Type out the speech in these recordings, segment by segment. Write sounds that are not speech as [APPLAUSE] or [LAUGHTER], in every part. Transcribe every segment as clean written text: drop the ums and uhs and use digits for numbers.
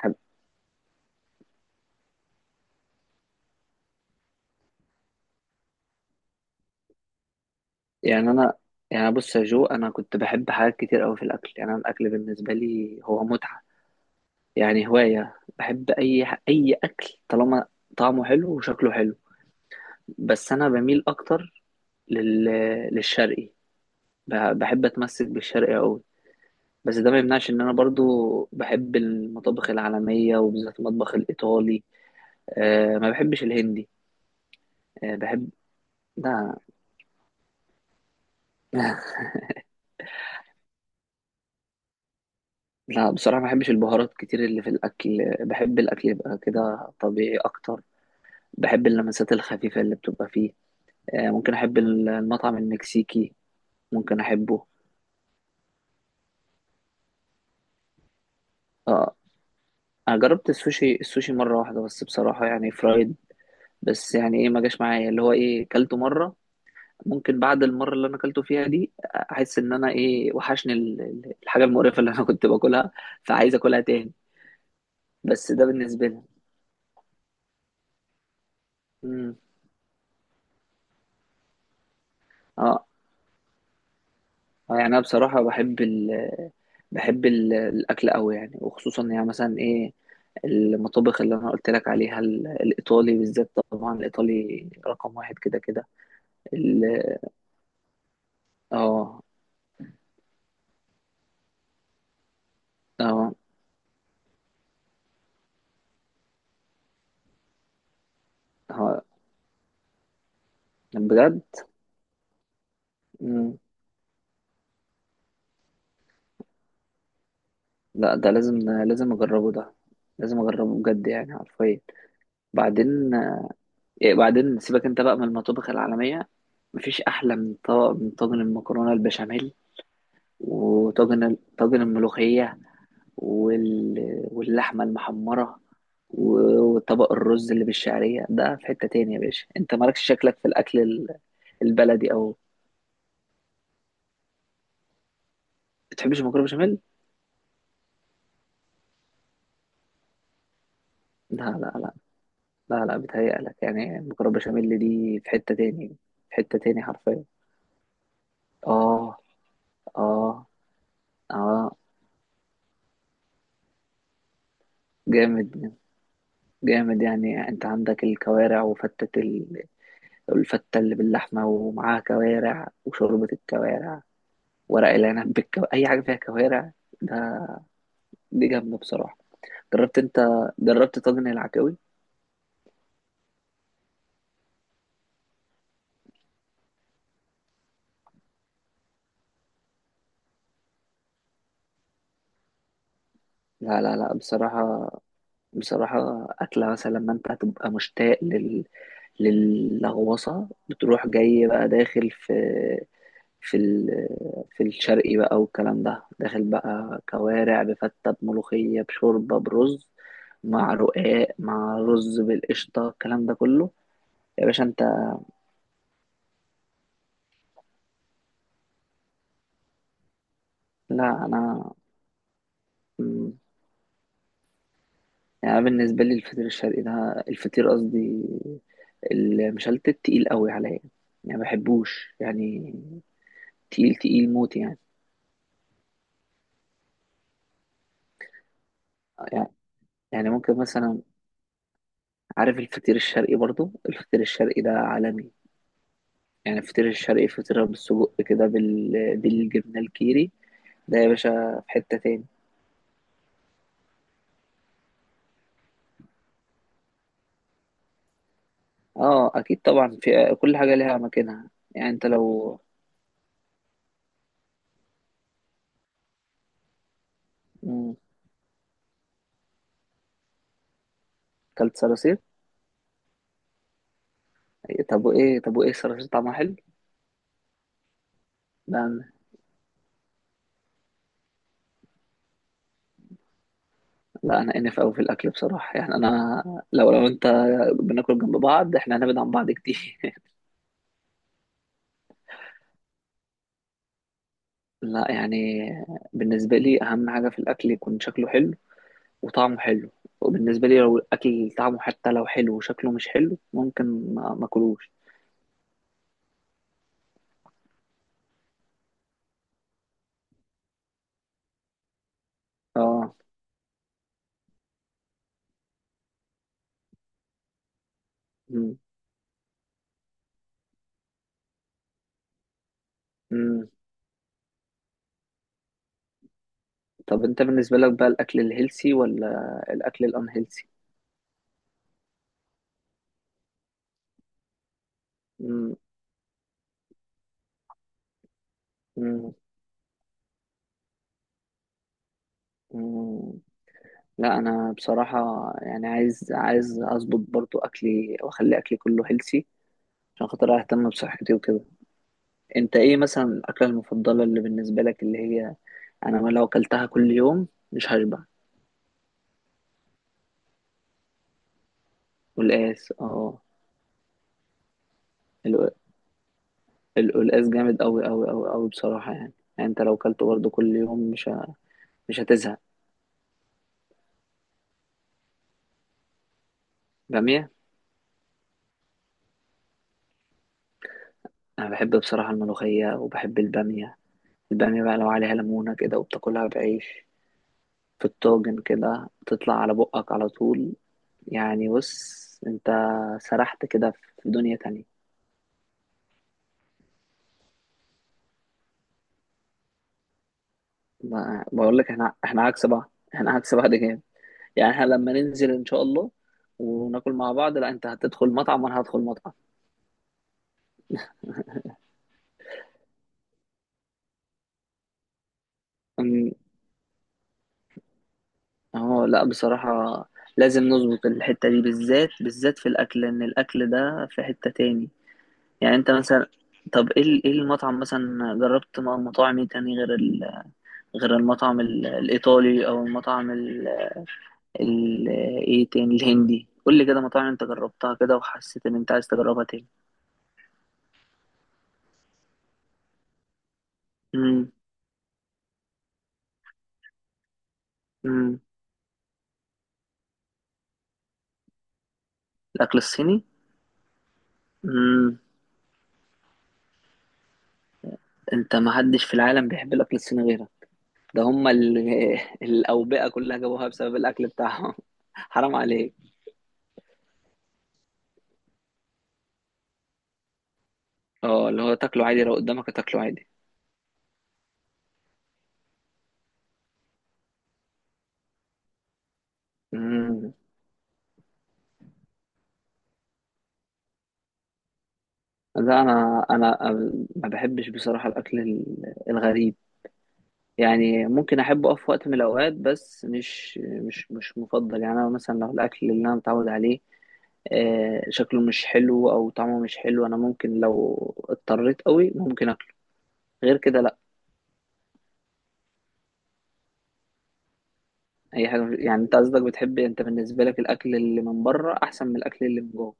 حب- يعني انا يعني بص يا جو، انا كنت بحب حاجات كتير قوي في الاكل. يعني انا الاكل بالنسبه لي هو متعه. يعني هوايه، بحب اي اي اكل طالما طعمه حلو وشكله حلو. بس انا بميل اكتر لل... للشرقي. بحب اتمسك بالشرقي قوي، بس ده ما يمنعش ان انا برضو بحب المطابخ العالميه وبالذات المطبخ الايطالي. أه، ما بحبش الهندي. أه بحب. لا. [LAUGHS] لا بصراحة ما بحبش البهارات كتير اللي في الأكل. بحب الأكل يبقى كده طبيعي أكتر. بحب اللمسات الخفيفة اللي بتبقى فيه. آه، ممكن أحب المطعم المكسيكي. ممكن أحبه. آه، أنا جربت السوشي، مرة واحدة بس بصراحة يعني فرايد. بس يعني إيه، ما جاش معايا. اللي هو إيه، كلته مرة. ممكن بعد المرة اللي أنا كلته فيها دي أحس إن أنا إيه، وحشني الحاجة المقرفة اللي أنا [LAUGHS] كنت باكلها. فعايز أكلها تاني. بس ده بالنسبة لي. مم. اه. اه يعني انا بصراحه بحب ال، بحب الاكل قوي يعني. وخصوصا يعني مثلا ايه، المطابخ اللي انا قلت لك عليها، الايطالي بالذات. طبعا الايطالي رقم واحد كده كده. ال-. اه. اه. اه. بجد؟ مم. لا ده لازم. لازم اجربه ده. لازم اجربه بجد يعني حرفيا. بعدين إيه، بعدين سيبك انت بقى من المطابخ العالميه. مفيش احلى من طاجن، من طاجن المكرونه البشاميل. وطاجن طاجن الملوخيه. واللحمة المحمرة. وطبق الرز اللي بالشعرية ده في حتة تانية. يا باشا، انت مالكش شكلك في الأكل البلدي أو؟ بتحبش المكرونة بشاميل؟ لا. لا لا، بتهيألك. يعني المكرونة بشاميل دي في حتة تاني. في حتة تاني حرفيا. اه. اه. اه. جامد. جامد يعني. انت عندك الكوارع وفتة الفتة اللي باللحمة ومعاها كوارع وشوربة الكوارع. ورق العنب بالكو...، أي حاجة فيها كوارع ده. دي جامدة بصراحة. جربت انت، جربت طاجن العكاوي؟ لا بصراحة. بصراحة أكلة مثلا لما انت هتبقى مشتاق للغوصة، بتروح جاي بقى داخل في، في ال... في الشرقي بقى والكلام ده. داخل بقى كوارع بفتة بملوخية بشوربة برز، مع رقاق، مع رز بالقشطة، الكلام ده كله. يا باشا انت. لا انا. مم. يعني أنا بالنسبة لي الفطير الشرقي ده، الفطير قصدي المشلتت، تقيل قوي عليا. يعني ما بحبوش يعني. تقيل تقيل موت يعني. يعني. يعني ممكن مثلا، عارف الفطير الشرقي؟ برضو الفطير الشرقي ده عالمي. يعني الفطير الشرقي فطيرة بالسجق كده بالجبنة الكيري، ده يا باشا في حتة تاني. اه اكيد طبعا. في كل حاجة ليها مكانها. يعني انت لو. مم، كلت صراصير؟ إيه، طب وايه، الصراصير طعمها حلو؟ لا أنا- لا انا انف قوي في الاكل بصراحة. يعني انا لو، انت بناكل جنب بعض، احنا هنبعد عن بعض كتير. لا يعني، بالنسبة لي أهم حاجة في الأكل يكون شكله حلو وطعمه حلو. وبالنسبة لي لو الأكل طعمه حتى لو حلو وشكله مش حلو، ممكن ما أكلوش. اه. مم. مم. طب أنت بالنسبة لك بقى، الأكل الهيلسي ولا الأكل الأنهيلسي؟ مم. مم. مم. لا أنا بصراحة يعني، عايز، أظبط برضو أكلي وأخلي أكلي كله هيلسي، عشان خاطر أهتم بصحتي وكده. انت ايه مثلا الاكله المفضله اللي بالنسبه لك، اللي هي انا ما لو اكلتها كل يوم مش هشبع؟ والقلقاس، اه. ال- القلقاس جامد قوي قوي قوي قوي بصراحه يعني. يعني انت لو اكلته برضه كل يوم مش مش هتزهق. باميه. انا بحب بصراحه الملوخيه وبحب الباميه. الباميه بقى لو عليها ليمونه كده وبتاكلها بعيش في الطاجن كده، تطلع على بقك على طول. يعني بص انت، سرحت كده في دنيا تانية. بقول لك، احنا، عكس بعض. احنا عكس بعض جامد. يعني احنا لما ننزل ان شاء الله وناكل مع بعض، لا انت هتدخل مطعم وانا هدخل مطعم. أم، اهو لا بصراحة، لازم نظبط الحتة دي، بالذات بالذات في الاكل، لان الاكل ده في حتة تاني. يعني انت مثلا، طب ايه ايه المطعم مثلا، جربت مطاعم ايه تاني غير غير المطعم الايطالي او المطعم ال...؟ ايه تاني، الهندي؟ قول لي كده مطاعم انت جربتها كده وحسيت ان انت عايز تجربها تاني. امم. امم. الاكل الصيني. انت، ما حدش في العالم بيحب الاكل الصيني غيرك. ده هم ال... [LAUGHS] الاوبئه كلها جابوها بسبب الاكل بتاعهم. [LAUGHS] حرام عليك. اه، اللي هو تاكله عادي. لو قدامك تاكله عادي. امم. لا انا ما بحبش بصراحه الاكل الغريب. يعني ممكن احبه في وقت من الاوقات، بس مش مفضل. يعني انا مثلا لو الاكل اللي انا متعود عليه، آه، شكله مش حلو او طعمه مش حلو، انا ممكن لو اضطريت قوي ممكن اكله. غير كده لا. اي حاجه يعني، انت قصدك بتحب، انت بالنسبه لك الاكل اللي من بره احسن من الاكل اللي من جوه؟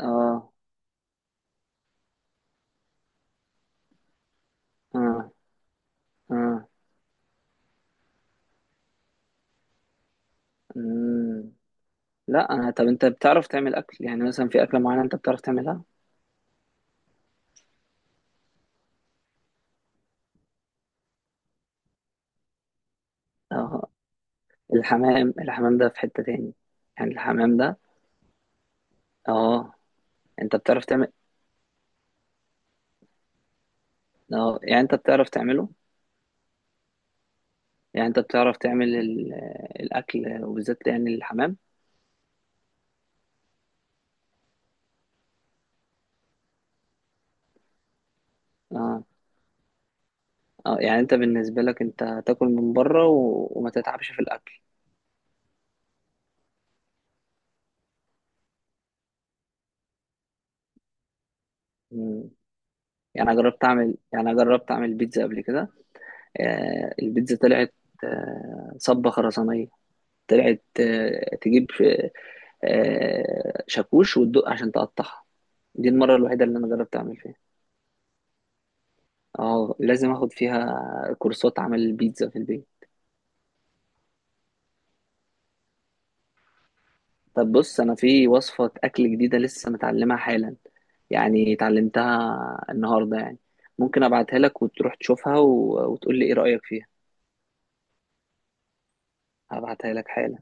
اه. اه. اه. مم. لا انا، طب انت بتعرف تعمل اكل؟ يعني مثلا في اكله معينه انت بتعرف تعملها؟ اه. الحمام، الحمام ده في حته تاني. يعني الحمام ده. اه، انت بتعرف تعمل؟ اه يعني انت بتعرف تعمله؟ يعني انت بتعرف تعمل الاكل وبالذات يعني الحمام؟ اه. اه يعني انت بالنسبه لك، انت تاكل من بره وما تتعبش في الاكل. مم. يعني أنا جربت أعمل، بيتزا قبل كده. آه، البيتزا طلعت آه، صبة خرسانية. طلعت آه، تجيب آه، شاكوش وتدق عشان تقطعها. دي المرة الوحيدة اللي أنا جربت أعمل فيها. اه، لازم اخد فيها كورسات عمل البيتزا في البيت. طب بص، انا في وصفة اكل جديدة لسه متعلمها حالا. يعني اتعلمتها النهاردة يعني. ممكن ابعتها لك وتروح تشوفها وتقول لي ايه رأيك فيها. هبعتها لك حالا.